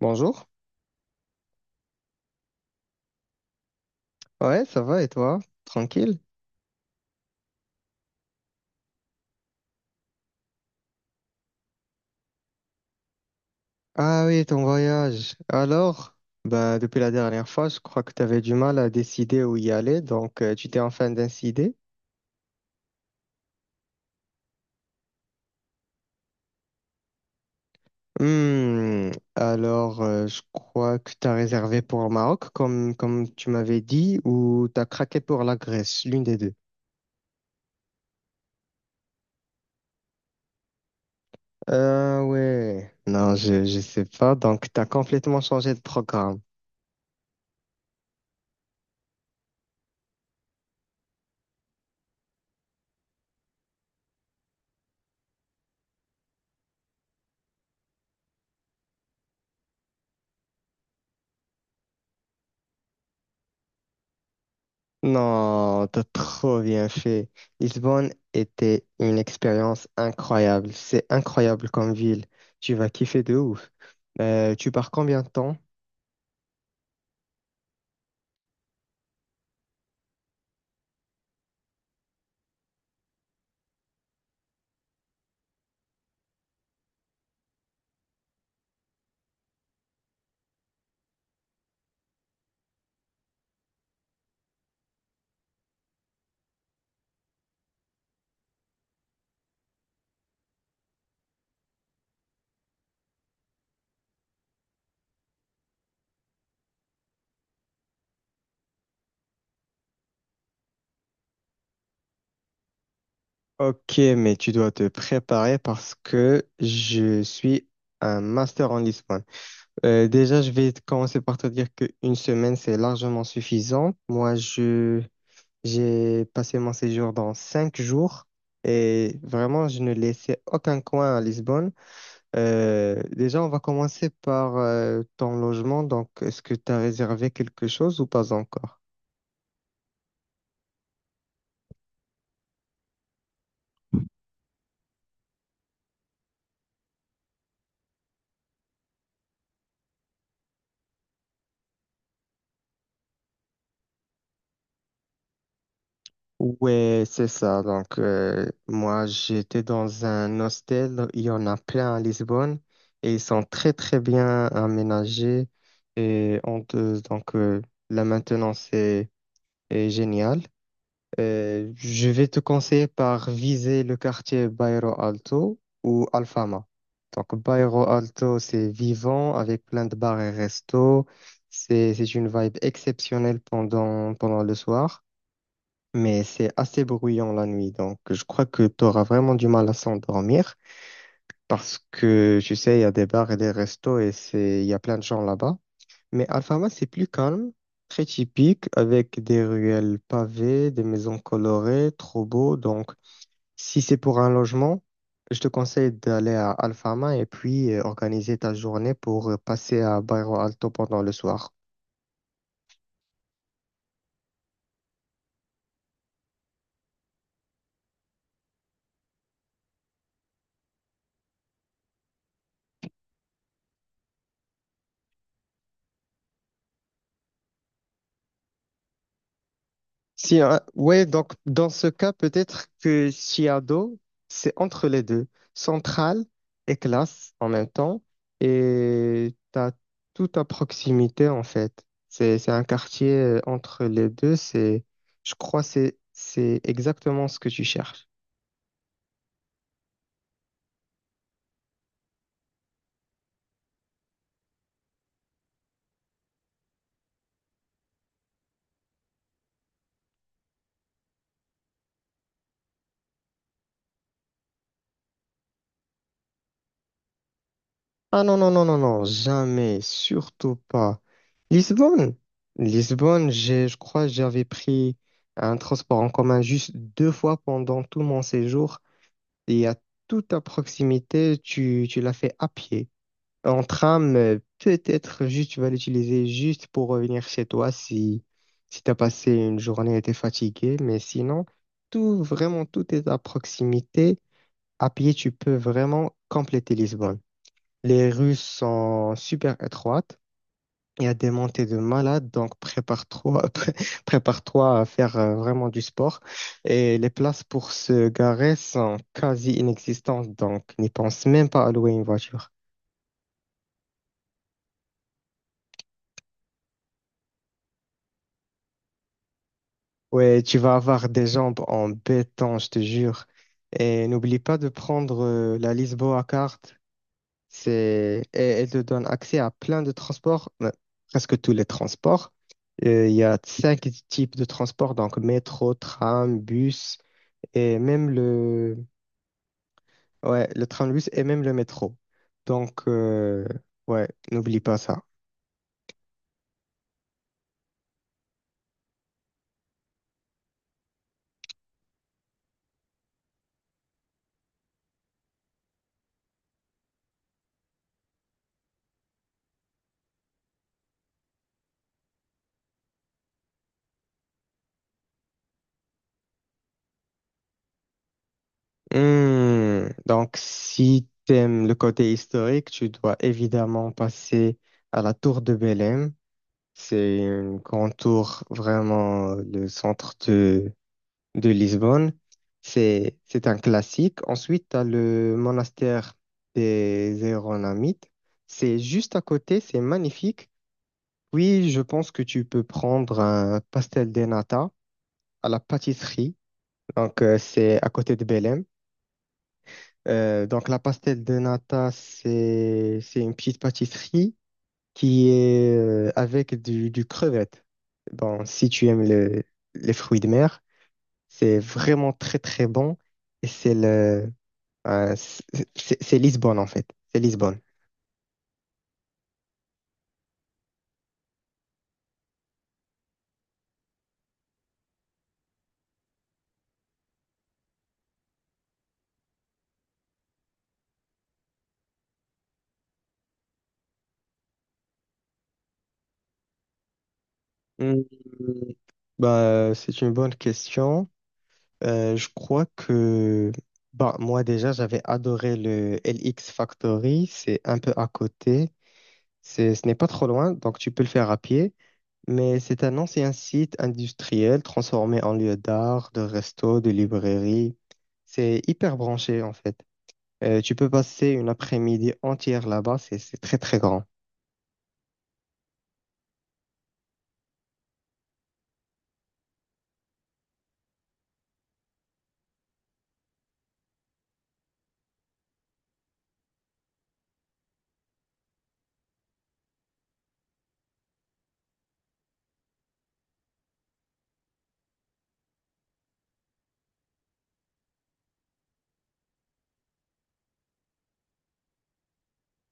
Bonjour. Ouais, ça va et toi? Tranquille? Ah oui, ton voyage. Alors, bah, depuis la dernière fois, je crois que tu avais du mal à décider où y aller, donc tu t'es enfin décidé. Hmm, alors, je crois que tu as réservé pour le Maroc, comme tu m'avais dit, ou tu as craqué pour la Grèce, l'une des deux. Ah ouais, non, je sais pas, donc tu as complètement changé de programme. Non, t'as trop bien fait. Lisbonne était une expérience incroyable. C'est incroyable comme ville. Tu vas kiffer de ouf. Tu pars combien de temps? Ok, mais tu dois te préparer parce que je suis un master en Lisbonne. Déjà, je vais commencer par te dire qu'une semaine, c'est largement suffisant. Moi, je j'ai passé mon séjour dans 5 jours et vraiment, je ne laissais aucun coin à Lisbonne. Déjà, on va commencer par ton logement. Donc, est-ce que tu as réservé quelque chose ou pas encore? Ouais, c'est ça. Donc, moi, j'étais dans un hostel. Il y en a plein à Lisbonne et ils sont très bien aménagés. Et on te- donc, la maintenance est géniale. Je vais te conseiller par viser le quartier Bairro Alto ou Alfama. Donc, Bairro Alto, c'est vivant avec plein de bars et restos. C'est une vibe exceptionnelle pendant le soir, mais c'est assez bruyant la nuit. Donc, je crois que tu auras vraiment du mal à s'endormir parce que, tu sais, il y a des bars et des restos et il y a plein de gens là-bas. Mais Alfama, c'est plus calme, très typique, avec des ruelles pavées, des maisons colorées, trop beau. Donc, si c'est pour un logement, je te conseille d'aller à Alfama et puis organiser ta journée pour passer à Bairro Alto pendant le soir. Si, ouais, donc dans ce cas, peut-être que Chiado, c'est entre les deux, centrale et classe en même temps, et t'as tout à proximité en fait. C'est un quartier entre les deux, c'est, je crois, c'est exactement ce que tu cherches. Ah non, non, non, non, non, jamais, surtout pas. Lisbonne, Lisbonne, je crois que j'avais pris un transport en commun juste 2 fois pendant tout mon séjour. Et à toute à proximité, tu l'as fait à pied. En tram, peut-être juste tu vas l'utiliser juste pour revenir chez toi si, si tu as passé une journée et t'es fatigué. Mais sinon, tout, vraiment, tout est à proximité. À pied, tu peux vraiment compléter Lisbonne. Les rues sont super étroites. Il y a des montées de malades, donc prépare-toi, prépare-toi à faire vraiment du sport. Et les places pour se garer sont quasi inexistantes, donc n'y pense même pas à louer une voiture. Ouais, tu vas avoir des jambes en béton, je te jure. Et n'oublie pas de prendre la Lisboa Card. C'est, et elle te donne accès à plein de transports, presque tous les transports. Il y a 5 types de transports, donc métro, tram, bus et même le, ouais, le tram, bus et même le métro. Donc, ouais, n'oublie pas ça. Hmm, donc, si t'aimes le côté historique, tu dois évidemment passer à la tour de Belém. C'est une grande tour, vraiment le centre de Lisbonne. C'est un classique. Ensuite, tu as le monastère des Héronnamites. C'est juste à côté, c'est magnifique. Oui, je pense que tu peux prendre un pastel de nata à la pâtisserie. Donc, c'est à côté de Belém. Donc, la pastel de nata, c'est une petite pâtisserie qui est avec du crevette. Bon, si tu aimes le- les fruits de mer, c'est vraiment très bon. Et c'est le, c'est Lisbonne, en fait. C'est Lisbonne. Hmm, bah, c'est une bonne question. Je crois que bah, moi déjà, j'avais adoré le LX Factory. C'est un peu à côté. C'est, ce n'est pas trop loin, donc tu peux le faire à pied. Mais c'est un ancien site industriel transformé en lieu d'art, de resto, de librairie. C'est hyper branché en fait. Tu peux passer une après-midi entière là-bas. C'est très grand.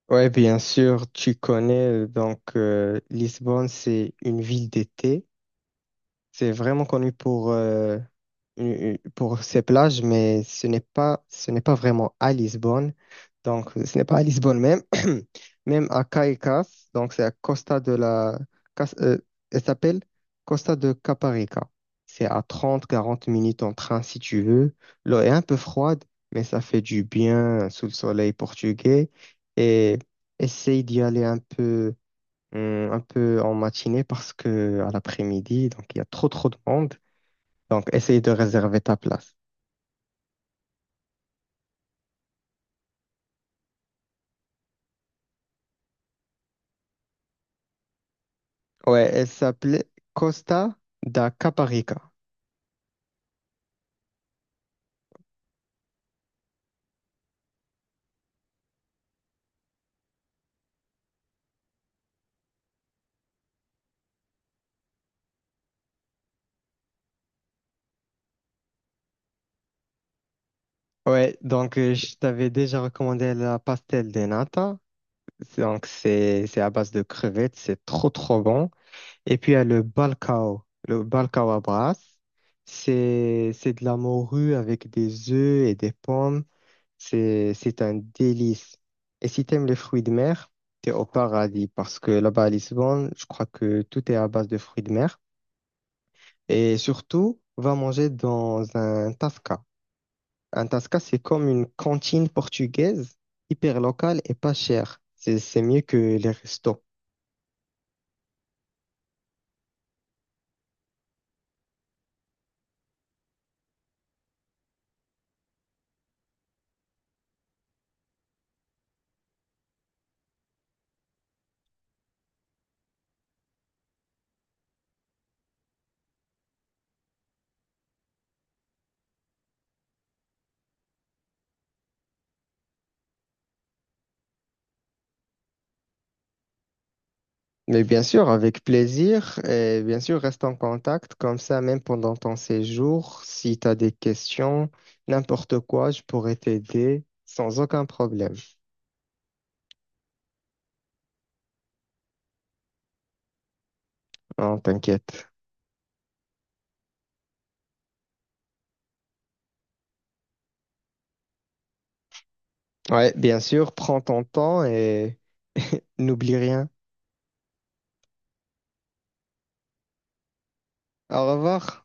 Ouais, bien sûr, tu connais. Donc, Lisbonne, c'est une ville d'été. C'est vraiment connu pour ces plages, mais ce n'est pas vraiment à Lisbonne. Donc, ce n'est pas à Lisbonne même, même à Caicas. Donc, c'est à Costa de la... Cas- euh, elle s'appelle Costa de Caparica. C'est à 30 40 minutes en train si tu veux. L'eau est un peu froide, mais ça fait du bien sous le soleil portugais. Et essaye d'y aller un peu en matinée parce que à l'après-midi, donc il y a trop de monde. Donc, essaye de réserver ta place. Ouais, elle s'appelait Costa da Caparica. Ouais, donc je t'avais déjà recommandé la pastel de nata. Donc, c'est à base de crevettes, c'est trop bon. Et puis il y a le balcao. Le balcao à Brasse, c'est de la morue avec des œufs et des pommes. C'est un délice. Et si t'aimes les fruits de mer, t'es au paradis parce que là-bas à Lisbonne, je crois que tout est à base de fruits de mer. Et surtout, va manger dans un tasca. Un tasca, c'est comme une cantine portugaise, hyper locale et pas chère. C'est mieux que les restos. Mais bien sûr, avec plaisir. Et bien sûr, reste en contact comme ça, même pendant ton séjour. Si tu as des questions, n'importe quoi, je pourrais t'aider sans aucun problème. Non, t'inquiète. Ouais, bien sûr, prends ton temps et n'oublie rien. Au revoir.